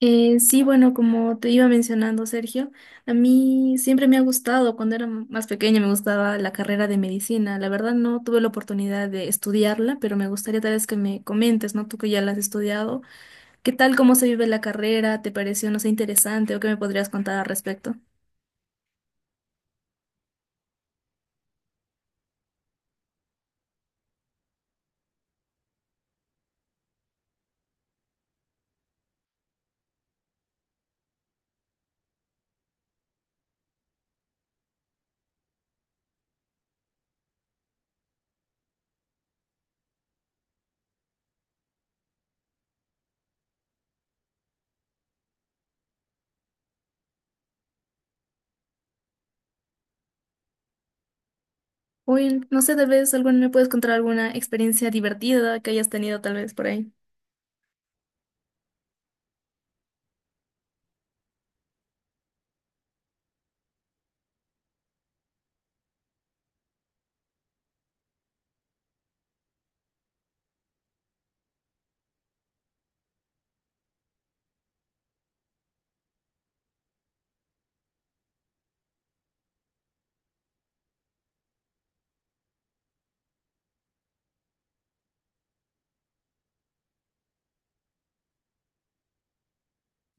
Sí, bueno, como te iba mencionando, Sergio, a mí siempre me ha gustado. Cuando era más pequeña me gustaba la carrera de medicina. La verdad no tuve la oportunidad de estudiarla, pero me gustaría tal vez que me comentes, ¿no? Tú que ya la has estudiado, ¿qué tal, cómo se vive la carrera? ¿Te pareció, no sé, interesante o qué me podrías contar al respecto? Uy, no sé, tal vez alguna, me puedes contar alguna experiencia divertida que hayas tenido tal vez por ahí.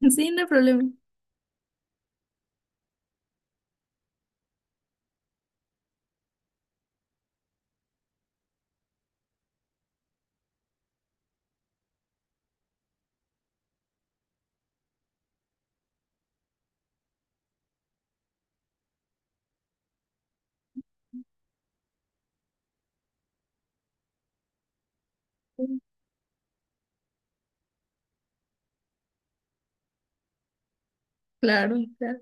Sí, no hay problema. Claro, claro.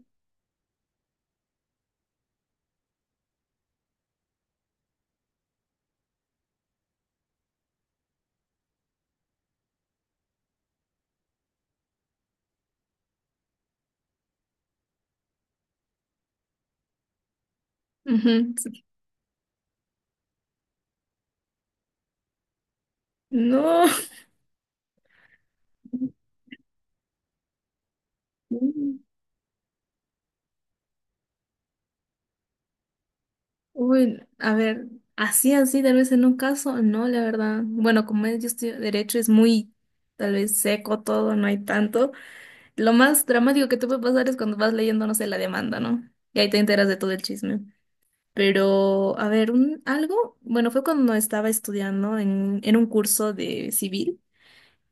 Ujú, sí. No. Uy, a ver, así, así, tal vez en un caso, no, la verdad. Bueno, como es, yo estudio derecho, es muy, tal vez seco todo, no hay tanto. Lo más dramático que te puede pasar es cuando vas leyendo, no sé, la demanda, ¿no? Y ahí te enteras de todo el chisme. Pero, a ver, un, algo, bueno, fue cuando estaba estudiando en un curso de civil.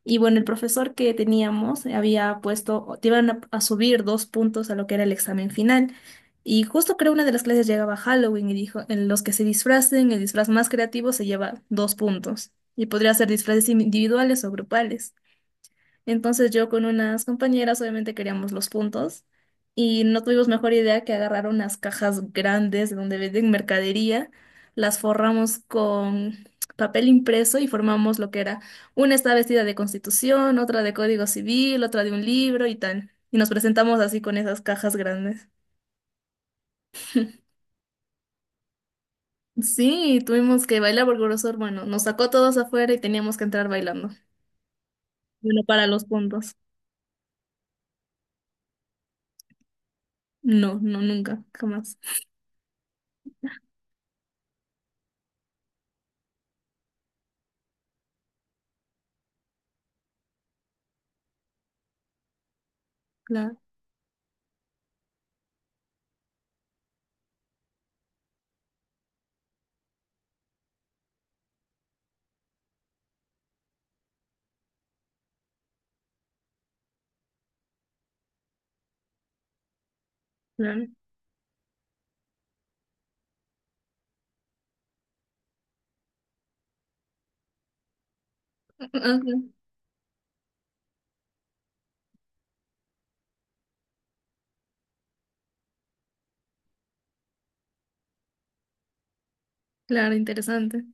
Y bueno, el profesor que teníamos había puesto, te iban a subir dos puntos a lo que era el examen final. Y justo creo una de las clases llegaba Halloween y dijo, en los que se disfracen, el disfraz más creativo se lleva dos puntos. Y podría ser disfraces individuales o grupales. Entonces yo con unas compañeras obviamente queríamos los puntos y no tuvimos mejor idea que agarrar unas cajas grandes donde venden mercadería, las forramos con papel impreso y formamos lo que era una está vestida de Constitución, otra de Código Civil, otra de un libro y tal. Y nos presentamos así con esas cajas grandes. Sí, tuvimos que bailar porque Grosor, hermano nos sacó todos afuera y teníamos que entrar bailando. Bueno, para los puntos. No, no, nunca, jamás. Claro, claro. Claro, interesante.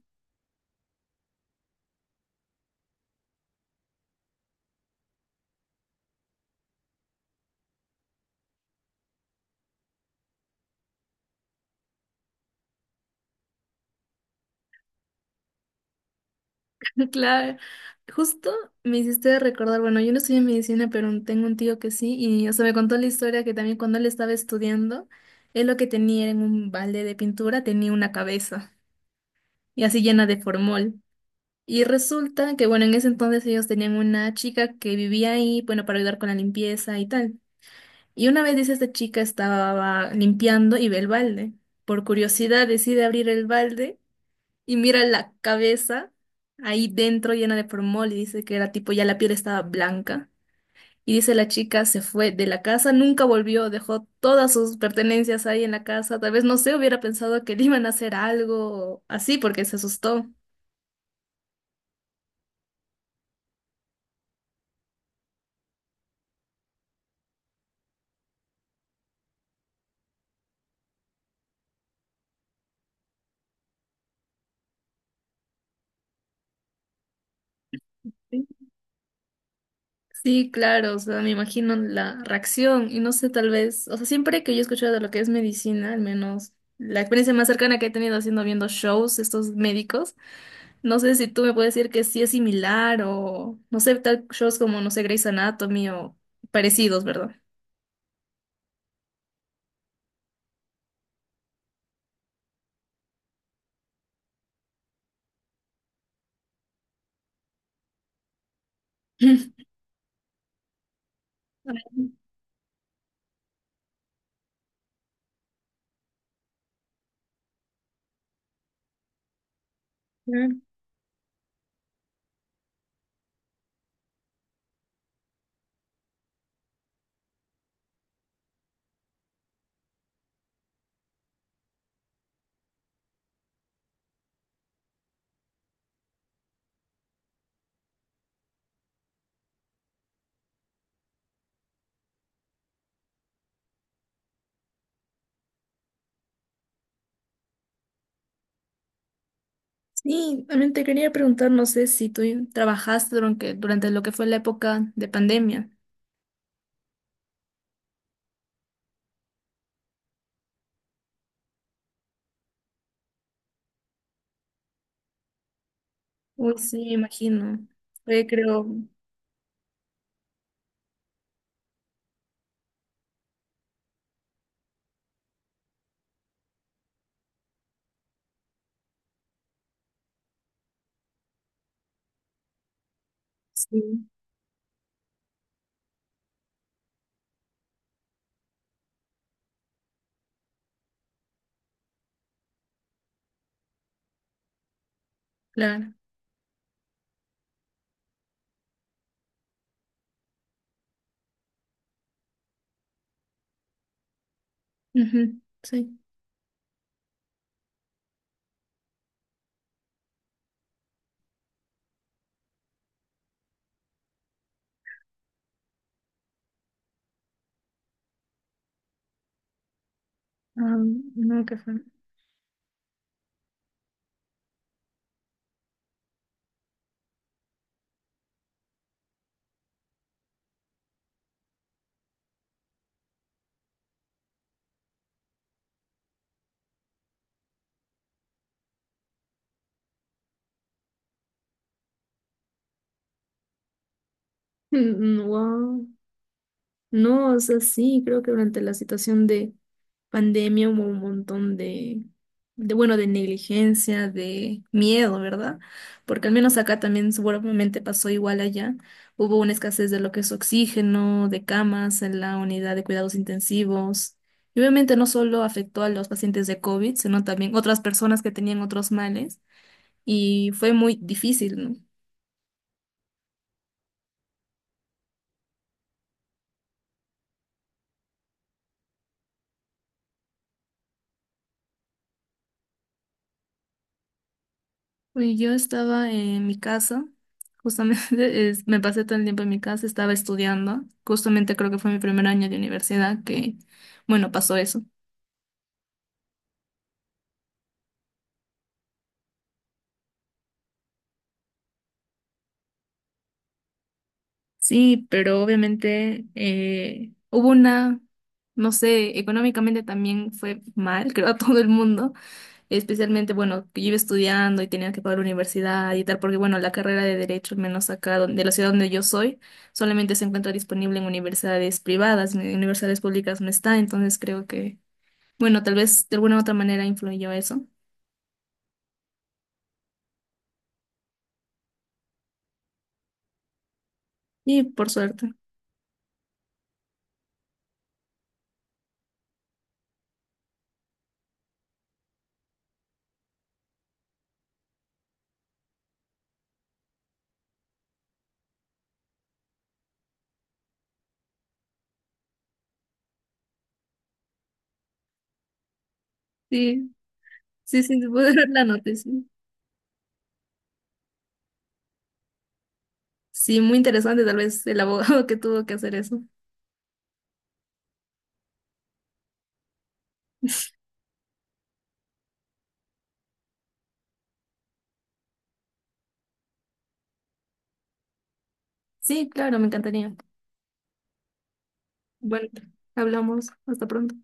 Claro, justo me hiciste recordar, bueno, yo no estudié medicina, pero tengo un tío que sí, y o sea, me contó la historia que también cuando él estaba estudiando, él lo que tenía era en un balde de pintura tenía una cabeza, y así llena de formol. Y resulta que, bueno, en ese entonces ellos tenían una chica que vivía ahí, bueno, para ayudar con la limpieza y tal. Y una vez dice, esta chica estaba limpiando y ve el balde. Por curiosidad decide abrir el balde, y mira la cabeza ahí dentro llena de formol y dice que era tipo ya la piel estaba blanca. Y dice la chica se fue de la casa, nunca volvió, dejó todas sus pertenencias ahí en la casa. Tal vez no sé, hubiera pensado que le iban a hacer algo o así porque se asustó. Sí, claro, o sea, me imagino la reacción y no sé, tal vez, o sea, siempre que yo he escuchado de lo que es medicina, al menos la experiencia más cercana que he tenido haciendo viendo shows, estos médicos, no sé si tú me puedes decir que sí es similar o, no sé, tal shows como, no sé, Grey's Anatomy o parecidos, ¿verdad? Claro. Sí, también te quería preguntar, no sé si tú trabajaste durante lo que fue la época de pandemia. Uy, sí, me imagino. Fue, creo, sí, claro. Ujú, sí. Ah, no, qué fue. Wow. No, o sea, sí, creo que durante la situación de pandemia hubo un montón de bueno, de negligencia, de miedo, ¿verdad? Porque al menos acá también seguramente pasó igual allá. Hubo una escasez de lo que es oxígeno, de camas en la unidad de cuidados intensivos. Y obviamente no solo afectó a los pacientes de COVID, sino también otras personas que tenían otros males. Y fue muy difícil, ¿no? Uy, yo estaba en mi casa, justamente me pasé todo el tiempo en mi casa, estaba estudiando, justamente creo que fue mi primer año de universidad que, bueno, pasó eso. Sí, pero obviamente hubo una, no sé, económicamente también fue mal, creo, a todo el mundo, especialmente, bueno, que yo iba estudiando y tenía que pagar la universidad y tal, porque, bueno, la carrera de Derecho, al menos acá de la ciudad donde yo soy, solamente se encuentra disponible en universidades privadas, en universidades públicas no está, entonces creo que, bueno, tal vez de alguna u otra manera influyó eso. Y por suerte. Sí, sí, sí, te puedo dar la noticia. Sí, muy interesante, tal vez el abogado que tuvo que hacer eso. Sí, claro, me encantaría. Bueno, hablamos. Hasta pronto.